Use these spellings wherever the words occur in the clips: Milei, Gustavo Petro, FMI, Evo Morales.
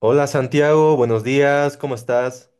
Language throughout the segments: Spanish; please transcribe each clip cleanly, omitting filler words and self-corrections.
Hola Santiago, buenos días, ¿cómo estás?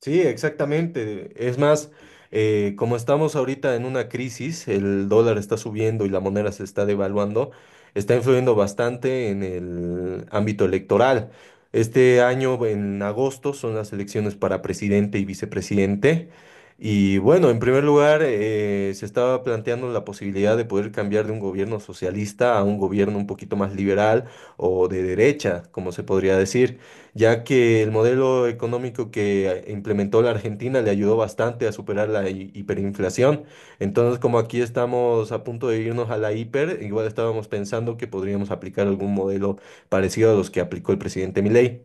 Sí, exactamente. Es más, como estamos ahorita en una crisis, el dólar está subiendo y la moneda se está devaluando, está influyendo bastante en el ámbito electoral. Este año, en agosto, son las elecciones para presidente y vicepresidente. Y bueno, en primer lugar, se estaba planteando la posibilidad de poder cambiar de un gobierno socialista a un gobierno un poquito más liberal o de derecha, como se podría decir. Ya que el modelo económico que implementó la Argentina le ayudó bastante a superar la hiperinflación. Entonces, como aquí estamos a punto de irnos a la hiper, igual estábamos pensando que podríamos aplicar algún modelo parecido a los que aplicó el presidente Milei.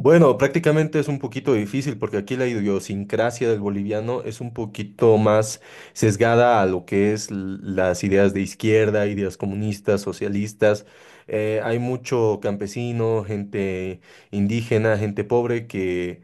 Bueno, prácticamente es un poquito difícil porque aquí la idiosincrasia del boliviano es un poquito más sesgada a lo que es las ideas de izquierda, ideas comunistas, socialistas. Hay mucho campesino, gente indígena, gente pobre que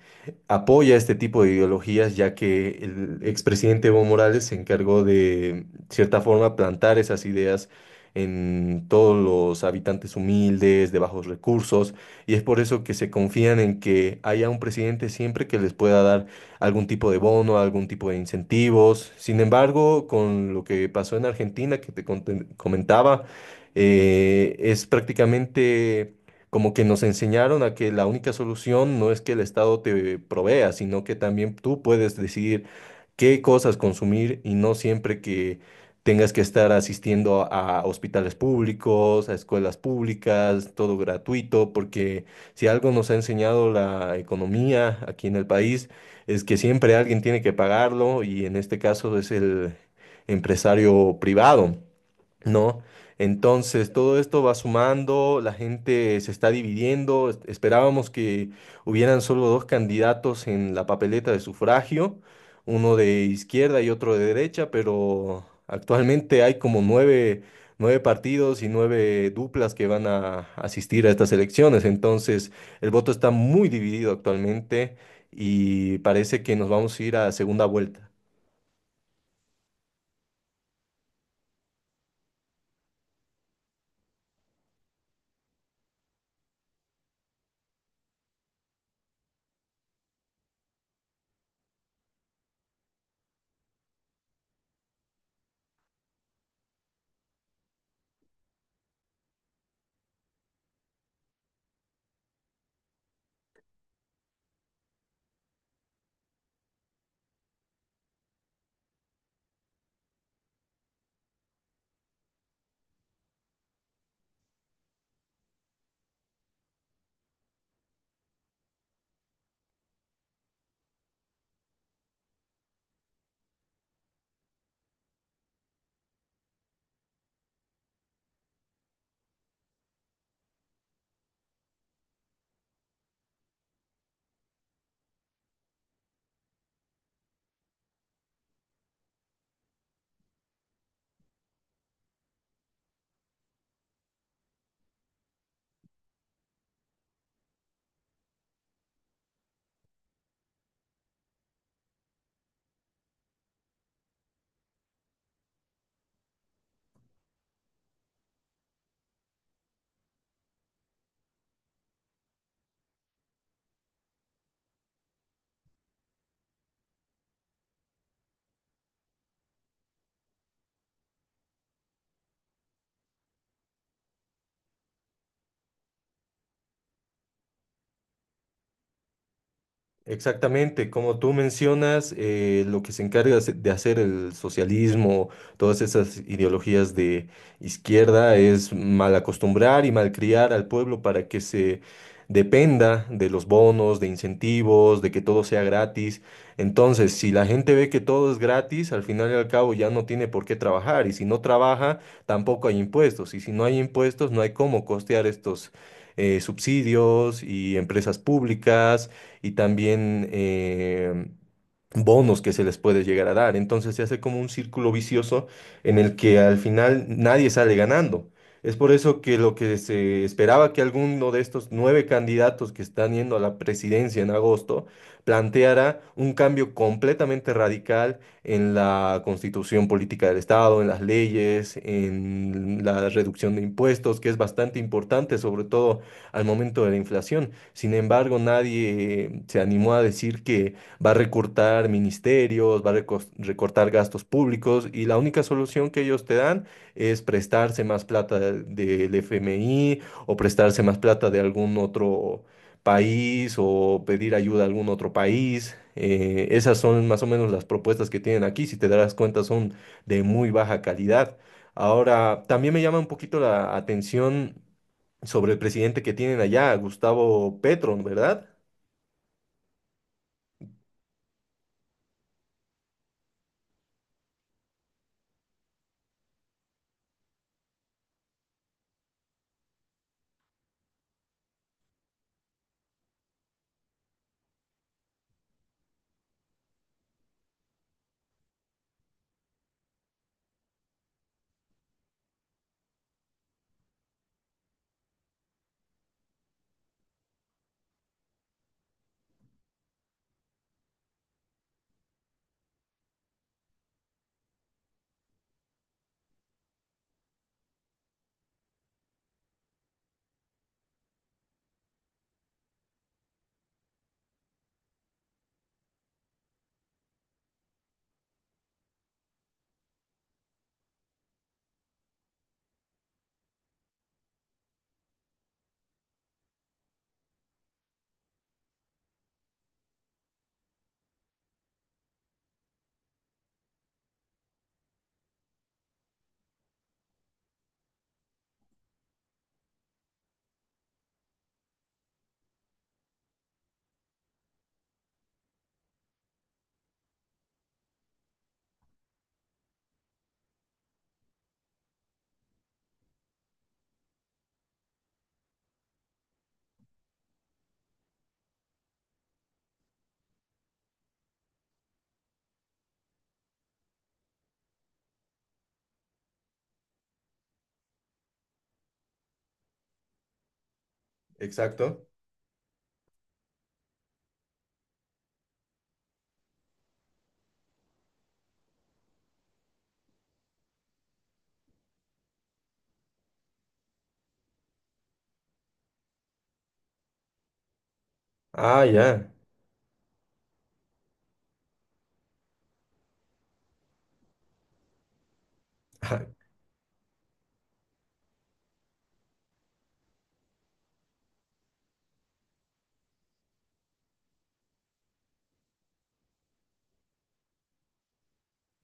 apoya este tipo de ideologías, ya que el expresidente Evo Morales se encargó de cierta forma plantar esas ideas en todos los habitantes humildes, de bajos recursos y es por eso que se confían en que haya un presidente siempre que les pueda dar algún tipo de bono, algún tipo de incentivos. Sin embargo, con lo que pasó en Argentina, que comentaba, es prácticamente como que nos enseñaron a que la única solución no es que el Estado te provea, sino que también tú puedes decidir qué cosas consumir y no siempre que tengas que estar asistiendo a hospitales públicos, a escuelas públicas, todo gratuito, porque si algo nos ha enseñado la economía aquí en el país es que siempre alguien tiene que pagarlo y en este caso es el empresario privado. ¿No? Entonces, todo esto va sumando, la gente se está dividiendo. Esperábamos que hubieran solo dos candidatos en la papeleta de sufragio, uno de izquierda y otro de derecha, pero actualmente hay como nueve, nueve partidos y nueve duplas que van a asistir a estas elecciones. Entonces, el voto está muy dividido actualmente y parece que nos vamos a ir a segunda vuelta. Exactamente, como tú mencionas, lo que se encarga de hacer el socialismo, todas esas ideologías de izquierda, es mal acostumbrar y malcriar al pueblo para que se dependa de los bonos, de incentivos, de que todo sea gratis. Entonces, si la gente ve que todo es gratis, al final y al cabo ya no tiene por qué trabajar, y si no trabaja, tampoco hay impuestos, y si no hay impuestos, no hay cómo costear estos subsidios y empresas públicas y también bonos que se les puede llegar a dar. Entonces se hace como un círculo vicioso en el que al final nadie sale ganando. Es por eso que lo que se esperaba que alguno de estos nueve candidatos que están yendo a la presidencia en agosto planteara un cambio completamente radical en la constitución política del Estado, en las leyes, en la reducción de impuestos, que es bastante importante, sobre todo al momento de la inflación. Sin embargo, nadie se animó a decir que va a recortar ministerios, va a recortar gastos públicos y la única solución que ellos te dan es prestarse más plata del FMI o prestarse más plata de algún otro país o pedir ayuda a algún otro país. Esas son más o menos las propuestas que tienen aquí. Si te darás cuenta, son de muy baja calidad. Ahora, también me llama un poquito la atención sobre el presidente que tienen allá, Gustavo Petro, ¿verdad? Exacto. Ah, ya.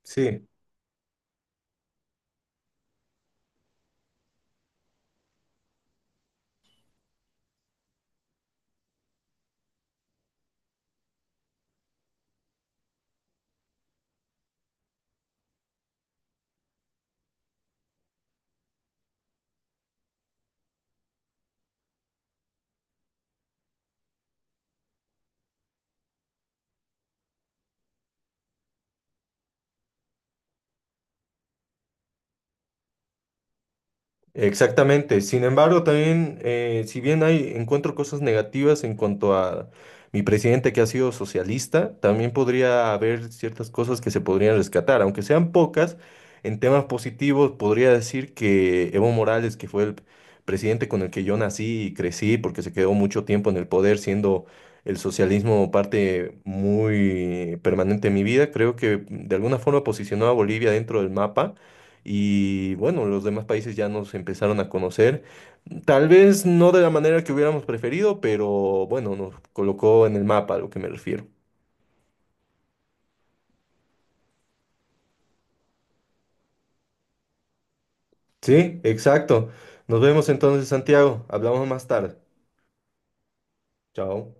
Sí. Exactamente. Sin embargo, también, si bien hay, encuentro cosas negativas en cuanto a mi presidente que ha sido socialista, también podría haber ciertas cosas que se podrían rescatar, aunque sean pocas. En temas positivos, podría decir que Evo Morales, que fue el presidente con el que yo nací y crecí, porque se quedó mucho tiempo en el poder, siendo el socialismo parte muy permanente de mi vida, creo que de alguna forma posicionó a Bolivia dentro del mapa y bueno, los demás países ya nos empezaron a conocer. Tal vez no de la manera que hubiéramos preferido, pero bueno, nos colocó en el mapa a lo que me refiero. Sí, exacto. Nos vemos entonces, Santiago. Hablamos más tarde. Chao.